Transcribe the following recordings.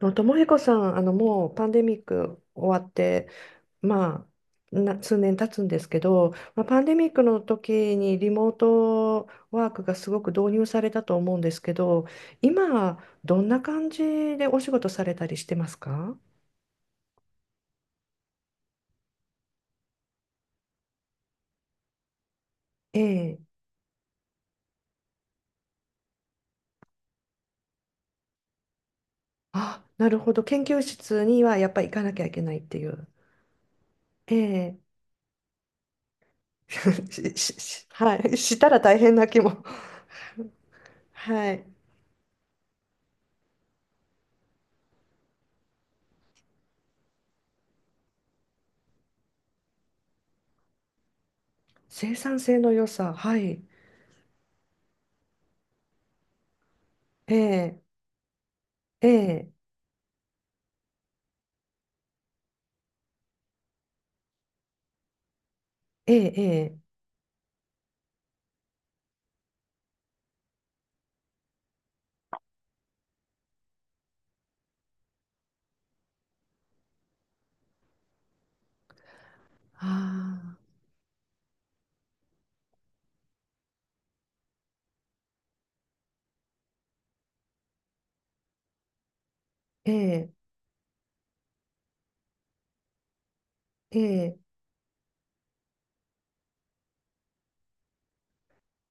のともひこさん、もうパンデミック終わって、まな数年経つんですけど、パンデミックの時にリモートワークがすごく導入されたと思うんですけど、今、どんな感じでお仕事されたりしてますか？ええ。あ、なるほど。研究室にはやっぱり行かなきゃいけないっていう。ええ。し、し、しはい。したら大変な気も。はい。生産性の良さ。はい。ええ。ええ。ええ、ええ、ああ、ええ、ええ、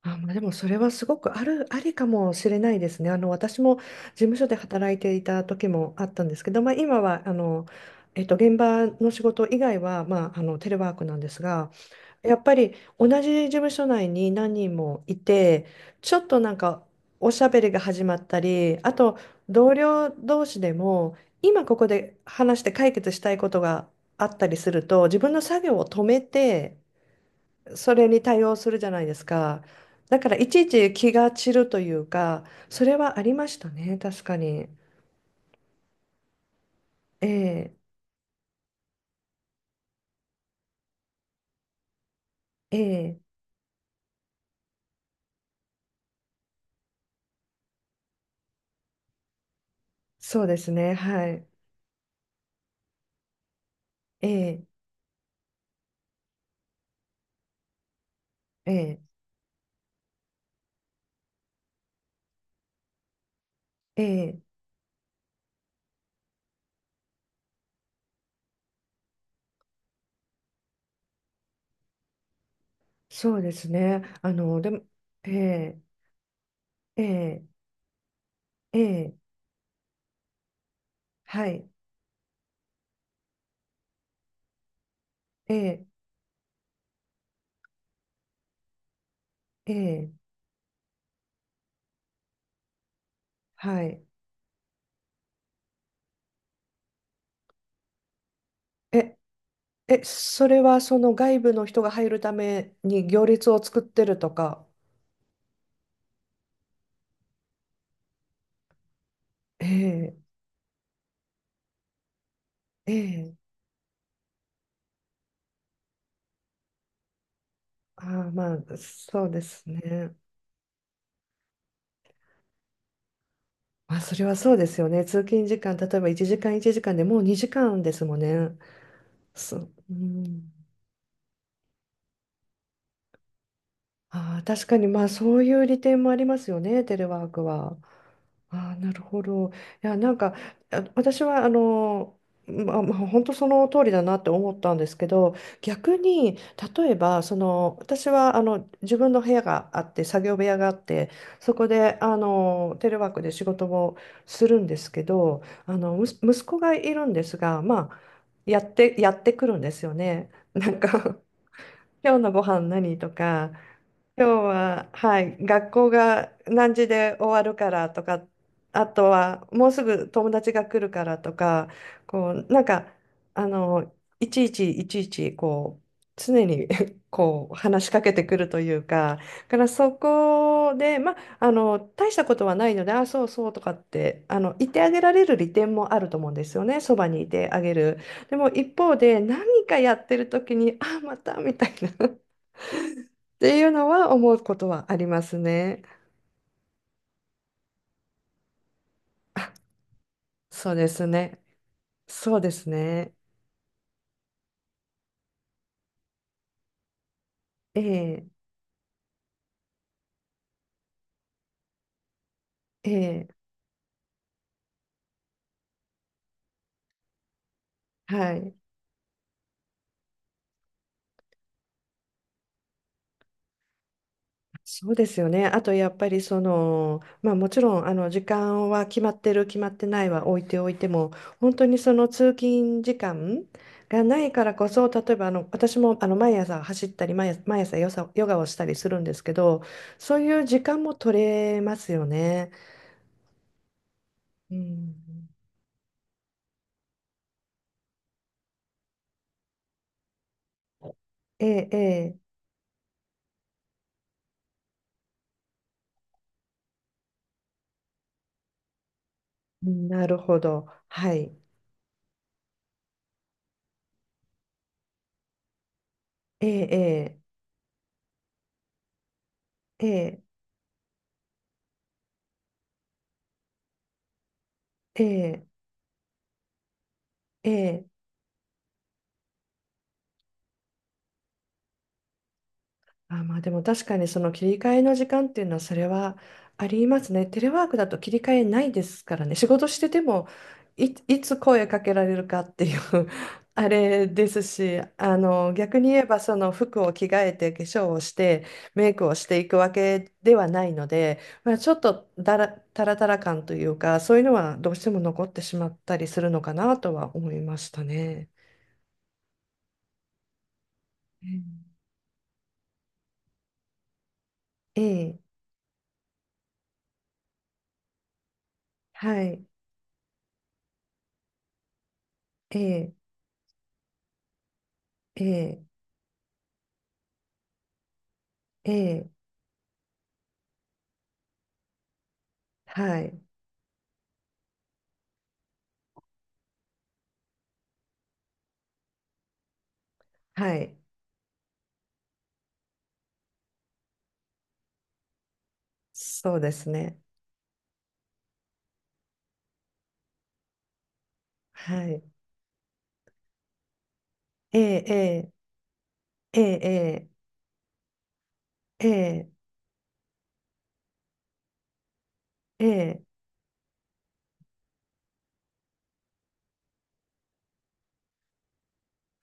あ、でもそれはすごくある、ありかもしれないですね。私も事務所で働いていた時もあったんですけど、今は、現場の仕事以外は、テレワークなんですが、やっぱり同じ事務所内に何人もいて、ちょっとなんかおしゃべりが始まったり、あと同僚同士でも、今ここで話して解決したいことがあったりすると、自分の作業を止めて、それに対応するじゃないですか。だからいちいち気が散るというか、それはありましたね、確かに。ええ、ええ、そうですね、はい。ええ、ええ、ええ、そうですね。でも、ええええ、ええ、はい、ええ、ええ、はい。え、え、それはその外部の人が入るために行列を作ってるとか。ええ、ええ、ああ、そうですね。それはそうですよね。通勤時間、例えば1時間1時間でもう2時間ですもんね。そう、うん。ああ、確かに、そういう利点もありますよね、テレワークは。ああ、なるほど。いや、なんか、あ、私は、本当その通りだなって思ったんですけど、逆に、例えば、その、私は、自分の部屋があって、作業部屋があって、そこで、テレワークで仕事もするんですけど、むす息子がいるんですが、やってくるんですよね。なんか、 今日のご飯何とか、今日は、はい、学校が何時で終わるからとか、あとはもうすぐ友達が来るからとか、こう、なんか、あの、いちいち、こう、常に、 こう、話しかけてくるというか、だからそこで、大したことはないので、あ、そうそうとかって、言ってあげられる利点もあると思うんですよね、そばにいてあげる。でも一方で、何かやってる時に、あ、またみたいな。っていうのは思うことはありますね。あ、そうですね。そうですね。ええ、ええ、はい。そうですよね。あとやっぱりその、まあもちろんあの時間は決まってる決まってないは置いておいても、本当にその通勤時間がないからこそ、例えばあの私もあの毎朝走ったり毎朝ヨサヨガをしたりするんですけど、そういう時間も取れますよね。うん、ええ、ええ、なるほど。はい。ええ、ええ、ええ、ええ、ええ、あ、でも確かにその切り替えの時間っていうのはそれはありますね。テレワークだと切り替えないですからね。仕事しててもいつ声かけられるかっていう、 あれですし、あの逆に言えばその服を着替えて化粧をしてメイクをしていくわけではないので、ちょっとだら、タラタラ感というかそういうのはどうしても残ってしまったりするのかなとは思いましたね。うん、ええ、はい、ええ、ええ、ええ。はい。はい。そうですね。はい。ええ、ええ、ええ、ええ、ええ、え、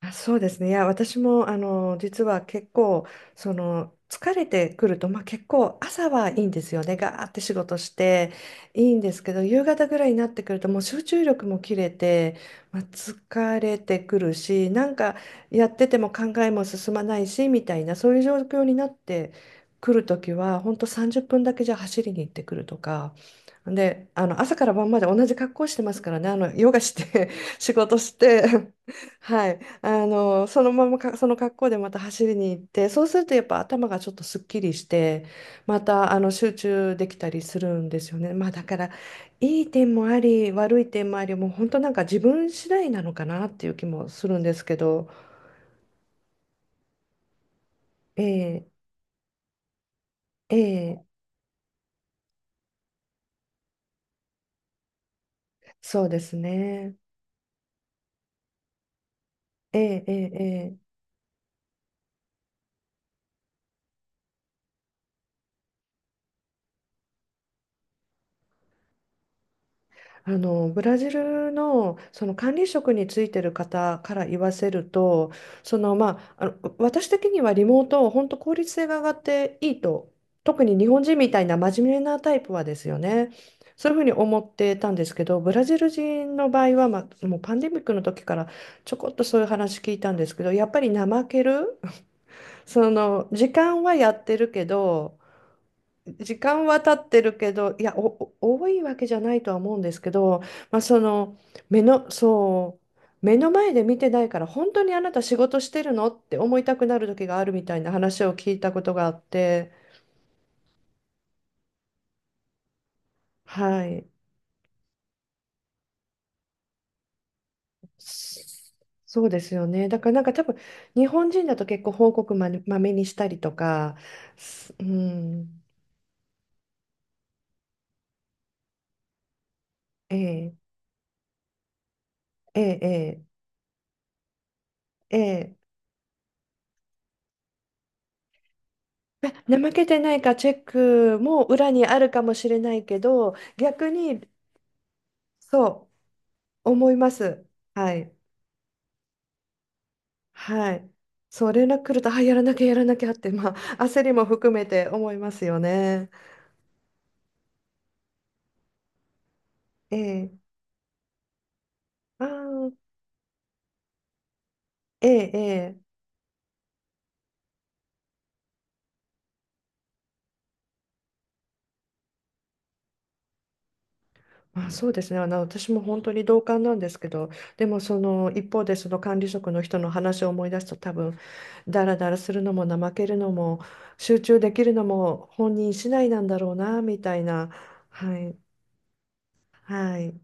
あ、そうですね。いや、私も、実は結構、その、疲れてくると、結構朝はいいんですよね。ガーって仕事していいんですけど、夕方ぐらいになってくると、もう集中力も切れて、疲れてくるし、なんかやってても考えも進まないし、みたいな、そういう状況になってくるときは、本当30分だけじゃ走りに行ってくるとか。で、朝から晩まで同じ格好してますからね、ヨガして 仕事して はい。そのままか、その格好でまた走りに行って、そうするとやっぱ頭がちょっとすっきりして、またあの集中できたりするんですよね。まあだから、いい点もあり、悪い点もあり、もう本当なんか自分次第なのかなっていう気もするんですけど、ええ、ええ、そうですね。ええええええ、あのブラジルの、その管理職についてる方から言わせると、その、私的にはリモート本当効率性が上がっていいと、特に日本人みたいな真面目なタイプはですよね、そういうふうに思ってたんですけど、ブラジル人の場合は、もうパンデミックの時からちょこっとそういう話聞いたんですけど、やっぱり怠ける その時間はやってるけど、時間は経ってるけど、いや、お、お多いわけじゃないとは思うんですけど、その、目の、そう、目の前で見てないから、本当にあなた仕事してるのって思いたくなる時があるみたいな話を聞いたことがあって、はい。そうですよね。だからなんか多分、日本人だと結構報告まめにしたりとか、すうん、えええええええええ、怠けてないかチェックも裏にあるかもしれないけど、逆にそう思います。はい。はい。そう、連絡来ると、あ、やらなきゃって、焦りも含めて思いますよね。ええ。ああ、ええ、ええ。そうですね。私も本当に同感なんですけど、でもその一方でその管理職の人の話を思い出すと多分、ダラダラするのも怠けるのも集中できるのも本人次第なんだろうな、みたいな。はい。はい。